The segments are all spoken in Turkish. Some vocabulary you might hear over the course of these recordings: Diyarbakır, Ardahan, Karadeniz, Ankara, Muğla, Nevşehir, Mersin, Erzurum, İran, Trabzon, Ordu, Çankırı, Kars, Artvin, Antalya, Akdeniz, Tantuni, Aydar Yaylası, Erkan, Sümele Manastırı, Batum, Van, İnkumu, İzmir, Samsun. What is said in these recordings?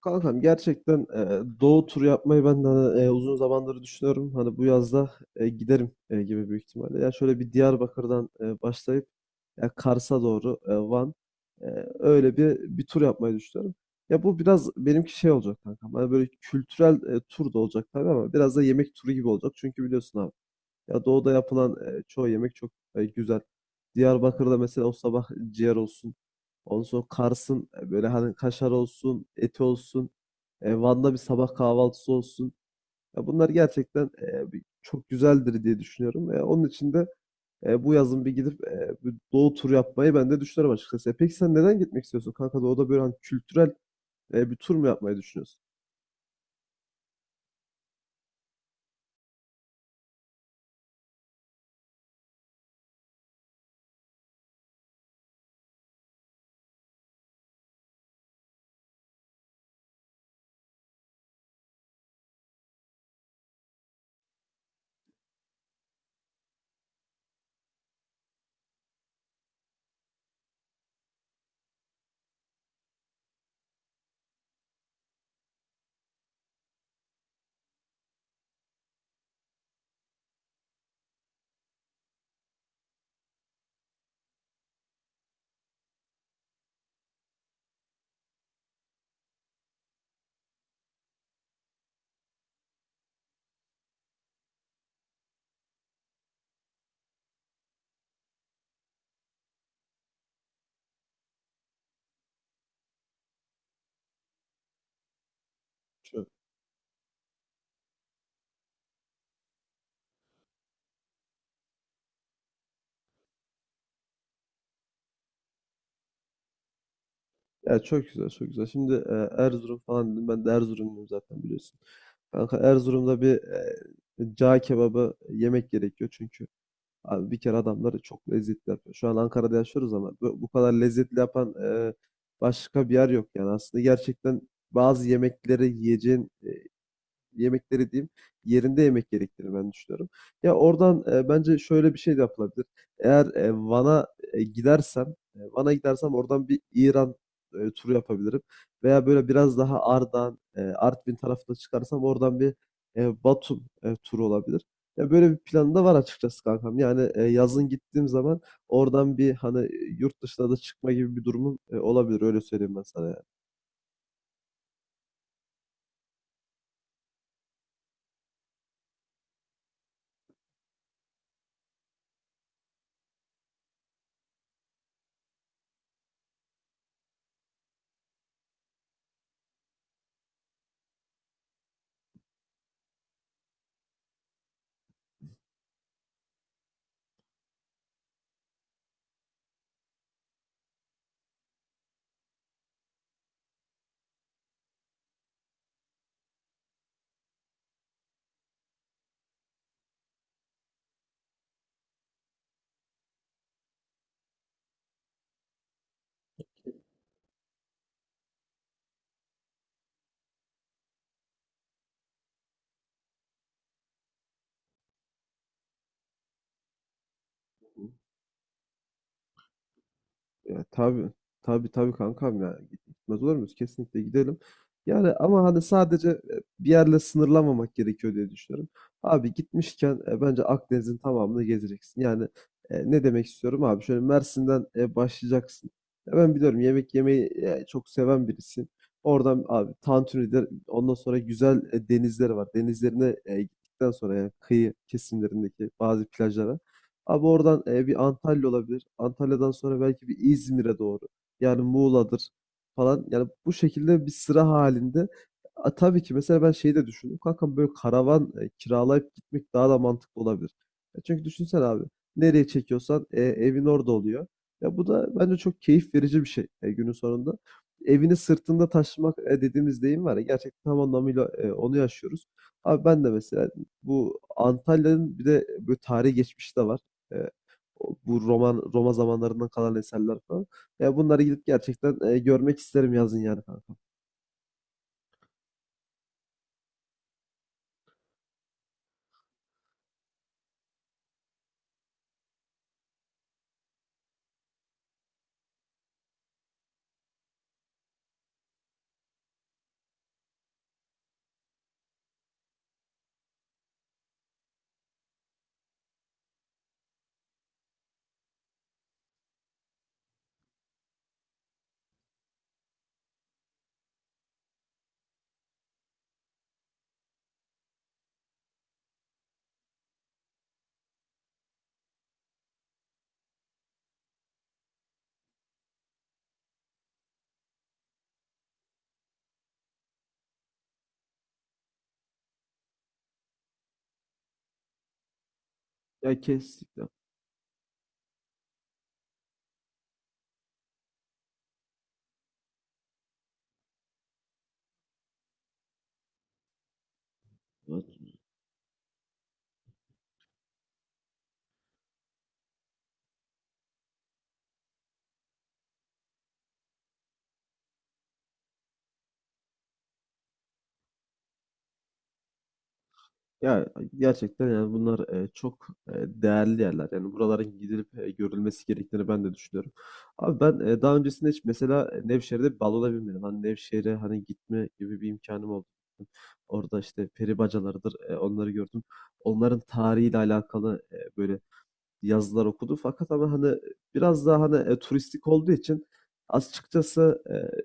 Kankam gerçekten doğu turu yapmayı ben de uzun zamandır düşünüyorum. Hani bu yazda giderim gibi büyük ihtimalle. Ya şöyle bir Diyarbakır'dan başlayıp ya Kars'a doğru Van öyle bir tur yapmayı düşünüyorum. Ya bu biraz benimki şey olacak kankam. Hani böyle kültürel tur da olacak tabii ama biraz da yemek turu gibi olacak. Çünkü biliyorsun abi ya doğuda yapılan çoğu yemek çok güzel. Diyarbakır'da mesela o sabah ciğer olsun. Ondan sonra Kars'ın böyle hani kaşar olsun, eti olsun. Van'da bir sabah kahvaltısı olsun. Ya bunlar gerçekten çok güzeldir diye düşünüyorum. Onun için de bu yazın bir gidip bir doğu turu yapmayı ben de düşünüyorum açıkçası. Peki sen neden gitmek istiyorsun kanka? Doğuda böyle hani kültürel bir tur mu yapmayı düşünüyorsun? Ya çok güzel, çok güzel. Şimdi Erzurum falan dedim. Ben de Erzurumluyum zaten biliyorsun. Kanka Erzurum'da bir cağ kebabı yemek gerekiyor çünkü abi bir kere adamları çok lezzetli yapıyor. Şu an Ankara'da yaşıyoruz ama bu kadar lezzetli yapan başka bir yer yok yani. Aslında gerçekten bazı yemekleri yiyeceğin yemekleri diyeyim yerinde yemek gerektiğini ben düşünüyorum. Ya oradan bence şöyle bir şey de yapılabilir. Eğer e, gidersem, Van'a gidersem oradan bir İran turu yapabilirim. Veya böyle biraz daha Ardahan, Artvin tarafına çıkarsam oradan bir Batum turu olabilir. Ya böyle bir planı da var açıkçası kankam. Yani yazın gittiğim zaman oradan bir hani yurt dışına da çıkma gibi bir durumum olabilir. Öyle söyleyeyim ben sana yani. Ya tabii, tabii kankam, ya gitmez olur muyuz? Kesinlikle gidelim. Yani ama hani sadece bir yerle sınırlamamak gerekiyor diye düşünüyorum. Abi gitmişken bence Akdeniz'in tamamını gezeceksin. Yani ne demek istiyorum abi? Şöyle Mersin'den başlayacaksın. Ya ben biliyorum yemek yemeyi çok seven birisiyim. Oradan abi Tantuni'de ondan sonra güzel denizleri var. Denizlerine gittikten sonra yani kıyı kesimlerindeki bazı plajlara. Abi oradan bir Antalya olabilir. Antalya'dan sonra belki bir İzmir'e doğru. Yani Muğla'dır falan. Yani bu şekilde bir sıra halinde. Tabii ki mesela ben şeyi de düşündüm. Kankam böyle karavan kiralayıp gitmek daha da mantıklı olabilir. Ya çünkü düşünsene abi. Nereye çekiyorsan evin orada oluyor. Ya bu da bence çok keyif verici bir şey günün sonunda. Evini sırtında taşımak dediğimiz deyim var ya. Gerçekten tam anlamıyla onu yaşıyoruz. Abi ben de mesela bu Antalya'nın bir de böyle tarihi geçmişi de var. E, bu roman Roma zamanlarından kalan eserler falan. Ya bunları gidip gerçekten görmek isterim yazın yani kanka. Ya kesinlikle. Var. Ya gerçekten yani bunlar çok değerli yerler. Yani buraların gidilip görülmesi gerektiğini ben de düşünüyorum. Abi ben daha öncesinde hiç mesela Nevşehir'de bir balona binmedim. Hani Nevşehir'e hani gitme gibi bir imkanım oldu. Orada işte peri bacalarıdır, onları gördüm. Onların tarihiyle alakalı böyle yazılar okudu. Fakat ama, hani, biraz daha, hani, turistik olduğu için açıkçası,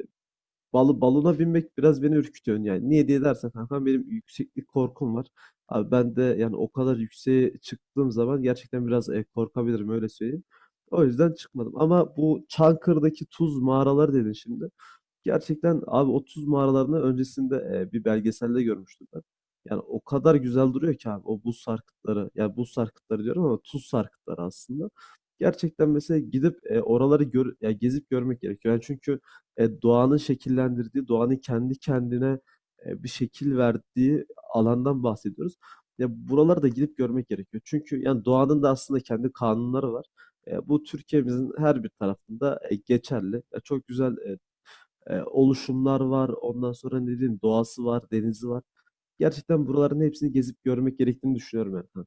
balı balona binmek biraz beni ürkütüyor. Yani niye diye dersen kankam benim yükseklik korkum var. Abi ben de, yani, o kadar yükseğe çıktığım zaman gerçekten biraz, korkabilirim, öyle söyleyeyim. O yüzden çıkmadım ama bu Çankırı'daki tuz mağaraları dedin şimdi. Gerçekten abi 30 mağaralarını öncesinde, bir belgeselde görmüştüm ben. Yani o kadar güzel duruyor ki abi o buz sarkıtları. Yani buz sarkıtları diyorum ama tuz sarkıtları aslında. Gerçekten mesela gidip, oraları gör ya gezip görmek gerekiyor. Yani çünkü, doğanın şekillendirdiği, doğanın kendi kendine, bir şekil verdiği alandan bahsediyoruz. Ya buraları da gidip görmek gerekiyor. Çünkü yani doğanın da aslında kendi kanunları var. Bu Türkiye'mizin her bir tarafında, geçerli. Ya çok güzel, oluşumlar var. Ondan sonra ne diyeyim doğası var, denizi var. Gerçekten buraların hepsini gezip görmek gerektiğini düşünüyorum Erkan.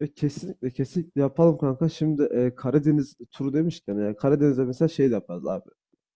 Kesinlikle kesinlikle yapalım kanka. Şimdi Karadeniz turu demişken yani Karadeniz'de mesela şey de yaparız abi.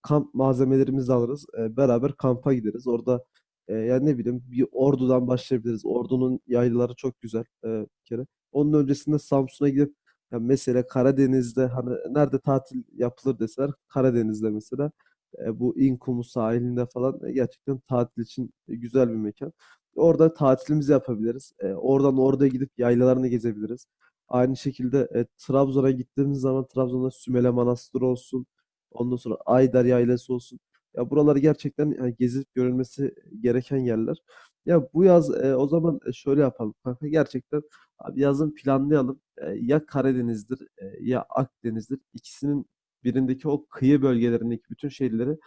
Kamp malzemelerimizi alırız. Beraber kampa gideriz. Orada yani ne bileyim bir Ordu'dan başlayabiliriz. Ordu'nun yaylaları çok güzel bir kere. Onun öncesinde Samsun'a gidip ya mesela Karadeniz'de hani nerede tatil yapılır deseler Karadeniz'de mesela bu İnkumu sahilinde falan gerçekten tatil için güzel bir mekan. Orada tatilimizi yapabiliriz. Oradan oraya gidip yaylalarını gezebiliriz. Aynı şekilde Trabzon'a gittiğimiz zaman Trabzon'da Sümele Manastırı olsun, ondan sonra Aydar Yaylası olsun. Ya buraları gerçekten gezip görülmesi gereken yerler. Ya bu yaz o zaman şöyle yapalım kanka. Gerçekten abi yazın planlayalım. Ya Karadeniz'dir ya Akdeniz'dir. İkisinin birindeki o kıyı bölgelerindeki bütün şehirleri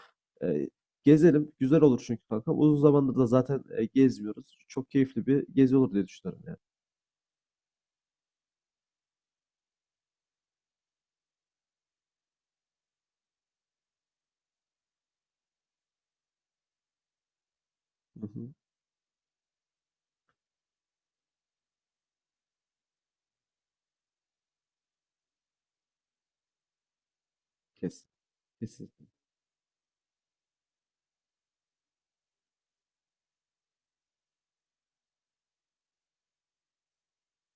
e, gezelim. Güzel olur çünkü kankam. Uzun zamandır da zaten gezmiyoruz. Çok keyifli bir gezi olur diye düşünüyorum yani. Hı hı. Kes. Kesinlikle.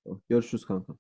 Tamam. Görüşürüz kanka.